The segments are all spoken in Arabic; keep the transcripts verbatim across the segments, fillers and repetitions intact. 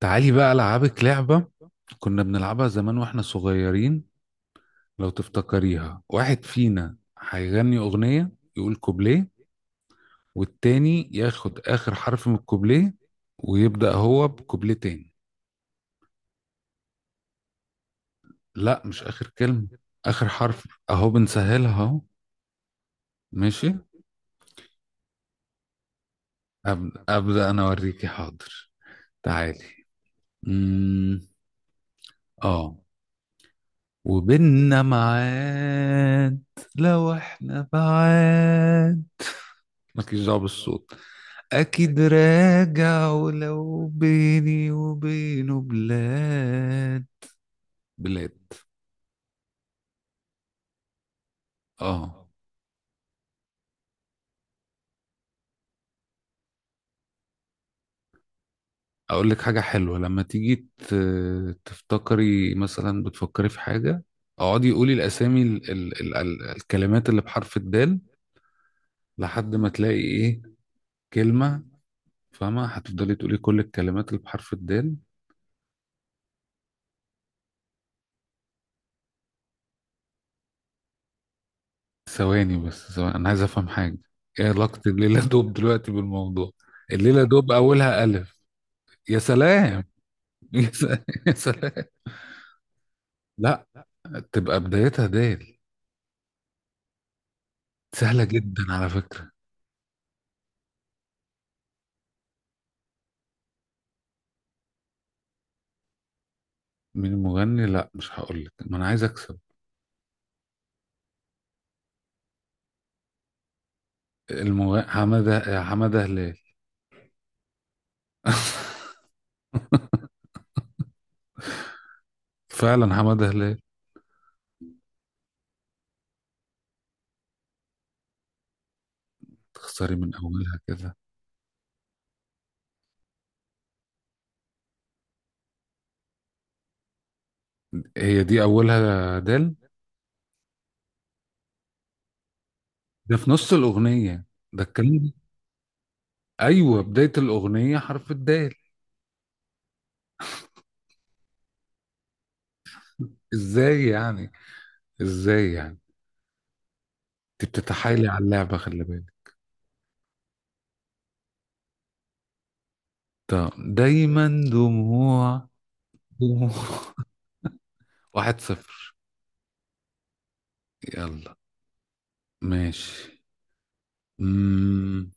تعالي بقى ألعبك لعبة. كنا بنلعبها زمان واحنا صغيرين. لو تفتكريها، واحد فينا هيغني أغنية، يقول كوبليه، والتاني ياخد آخر حرف من الكوبليه ويبدأ هو بكوبليه تاني. لا مش آخر كلمة، آخر حرف. أهو بنسهلها أهو. ماشي. أبدأ, أبدأ أنا أوريكي، حاضر. تعالي. مم. آه. وبيننا معاد، لو احنا بعاد، مالكيش دعوة بالصوت، أكيد راجع، ولو بيني وبينه بلاد. بلاد. آه. أقول لك حاجة حلوة، لما تيجي ت- تفتكري، مثلا بتفكري في حاجة، اقعدي قولي الأسامي، ال ال ال ال الكلمات اللي بحرف الدال لحد ما تلاقي إيه، كلمة. فاهمة؟ هتفضلي تقولي كل الكلمات اللي بحرف الدال. ثواني بس، ثواني، أنا عايز أفهم حاجة. إيه علاقة الليلة دوب دلوقتي بالموضوع؟ الليلة دوب أولها ألف. يا سلام. يا سلام، يا سلام. لا، تبقى بدايتها ديل. سهلة جدا على فكرة. مين المغني؟ لا مش هقول لك، ما انا عايز اكسب. المغني حمادة حمادة هلال. فعلا حمادة هلال. تخسري من اولها كده. هي دي اولها دال. ده في نص الاغنية، ده الكلام ده. ايوه، بداية الاغنية حرف الدال. ازاي يعني؟ ازاي يعني؟ انت بتتحايلي على اللعبة، خلي بالك. طب دايما دموع. دموع. واحد صفر. يلا. ماشي. مم.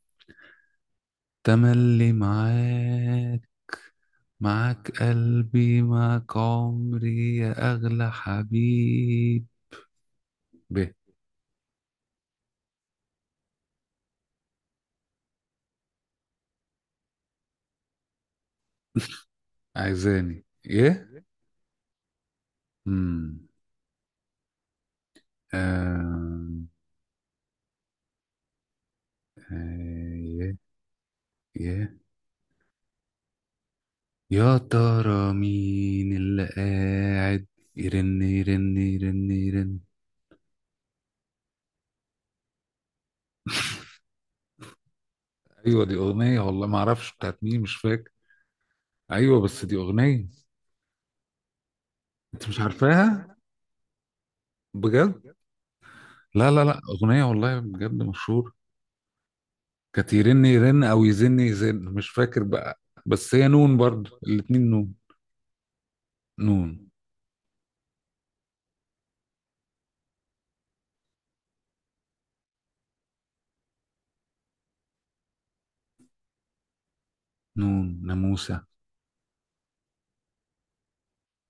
تملي معاك، معاك قلبي معاك عمري يا أغلى حبيب. ب. عايزاني ايه؟ مم. آم. آه. يه. يه. يا ترى مين اللي قاعد يرن، يرن، يرن، يرن. ايوه دي اغنيه، والله ما اعرفش بتاعت مين، مش فاكر. ايوه بس دي اغنيه. انت مش عارفاها؟ بجد؟ لا لا لا، أغنية والله بجد مشهور. كانت يرن يرن أو يزن يزن، مش فاكر بقى. بس هي نون برضو، الاتنين نون. نون. نون ناموسة.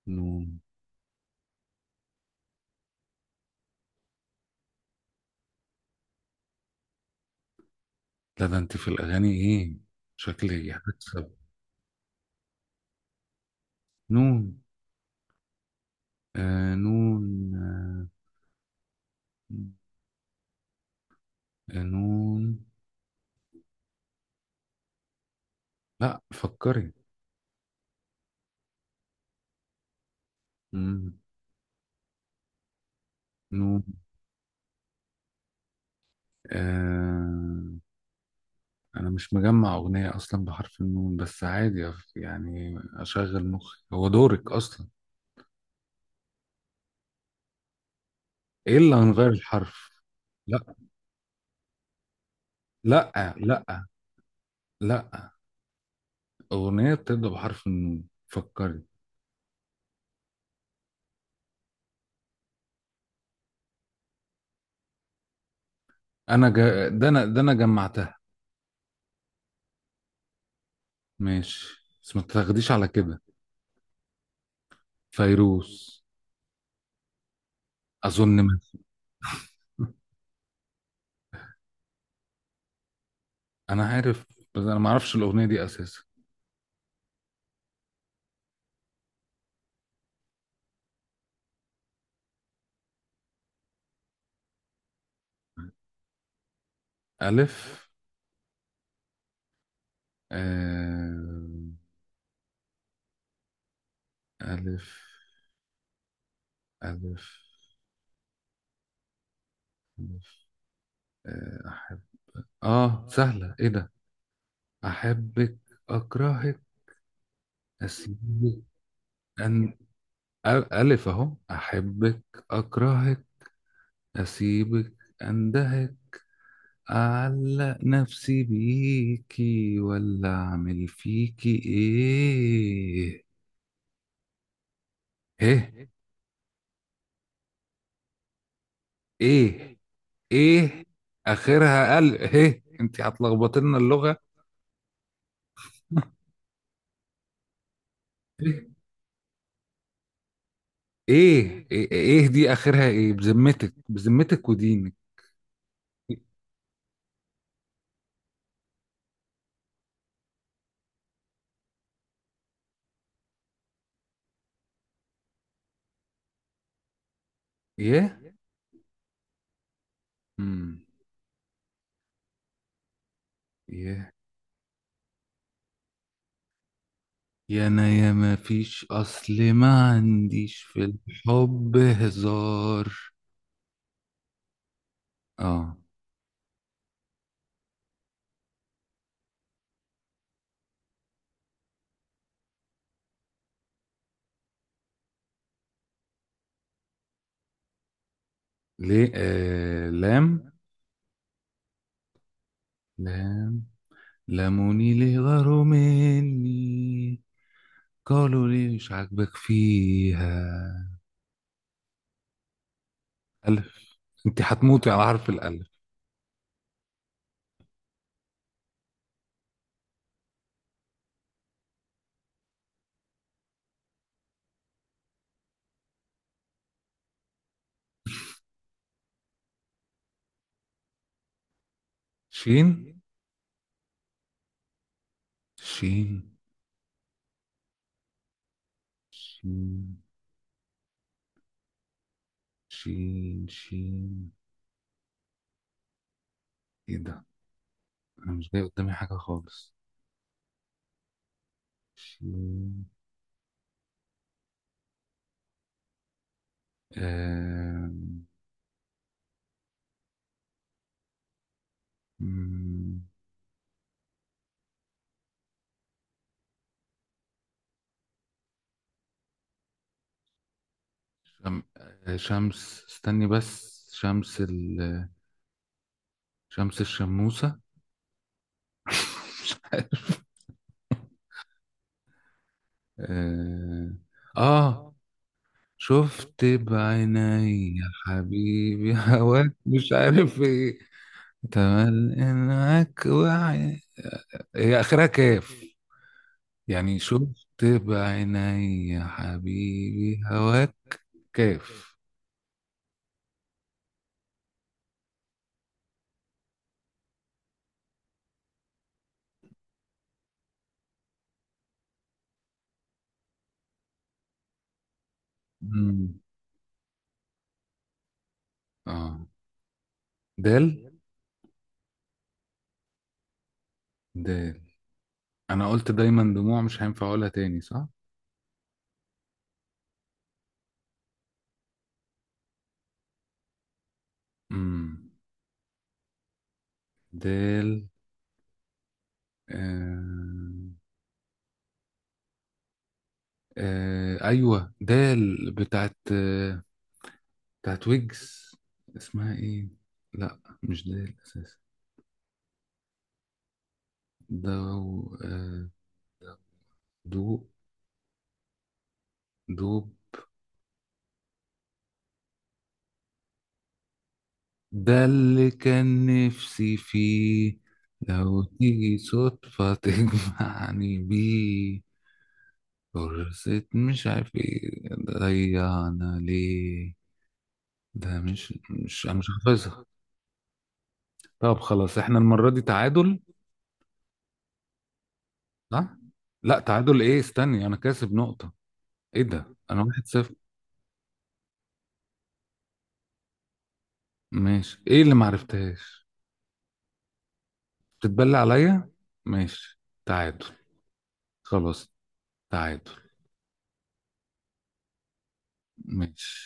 نون. لا، ده أنت في الأغاني إيه؟ شكلي هكسب. نون. آه، نون. آه، آه، نون. لا، فكري. مم. نون. آه، أنا مش مجمع أغنية أصلا بحرف النون، بس عادي يعني أشغل مخي، هو دورك أصلا. ايه اللي هنغير الحرف؟ لا، لا لا، لا اغنيه بتبدا بحرف النون، فكري. انا جا... ده انا ده انا جمعتها. ماشي بس ما تاخديش على كده. فيروز، اظن مثلا. انا عارف، بس انا ما اعرفش الاغنيه دي اساسا. الف. آه... الف، الف، الف. آه... احب. اه سهله، ايه ده. احبك، اكرهك، اسيبك. أن... ألف أهو، أحبك، أكرهك، أسيبك، أندهك، أعلق نفسي بيكي ولا أعمل فيكي إيه. إيه؟ إيه؟ إيه؟ آخرها قلب إيه. أنت هتلخبط لنا اللغة. إيه، إيه، إيه دي؟ آخرها إيه؟ بذمتك، بذمتك ودينك. إيه. أمم. إيه. يا أنا يا ما فيش، أصل ما عنديش في الحب هزار. آه. ليه، آه، لام. لام. لموني ليه غاروا مني، قالوا ليه مش عاجبك فيها. ألف. أنت هتموتي على حرف الألف. شين. شين. شين. شين، شين. إيه ده، أنا مش جاي قدامي حاجة خالص. شين. آم، مم، شم... آه، شمس، استني بس، شمس ال... شمس الشموسة. آه. آه. شفت بعيني يا حبيبي هواك، مش عارف ايه. تمل انك وعي. هي اخرها كاف. يعني شفت بعيني يا حبيبي هواك. كاف. مم. اه. دال. دال. انا قلت دايما دموع، مش هينفع اقولها تاني، صح؟ امم. دال. آه. آه ايوه، دال بتاعت آه، بتاعت ويجز. اسمها ايه؟ لا، مش ده الاساس. ده و- آه، دوب. دوب. ده اللي كان نفسي فيه، لو تيجي صدفة تجمعني بيه، فرصة مش عارف ايه ضيعنا ليه. ده مش مش انا مش حافظها. طب خلاص، احنا المرة دي تعادل، صح؟ لا تعادل ايه، استني، انا كاسب نقطة. ايه ده، انا واحد صفر. ماشي، ايه اللي معرفتهاش؟ تتبلى عليا. ماشي، تعادل، خلاص. تعادل. ماشي.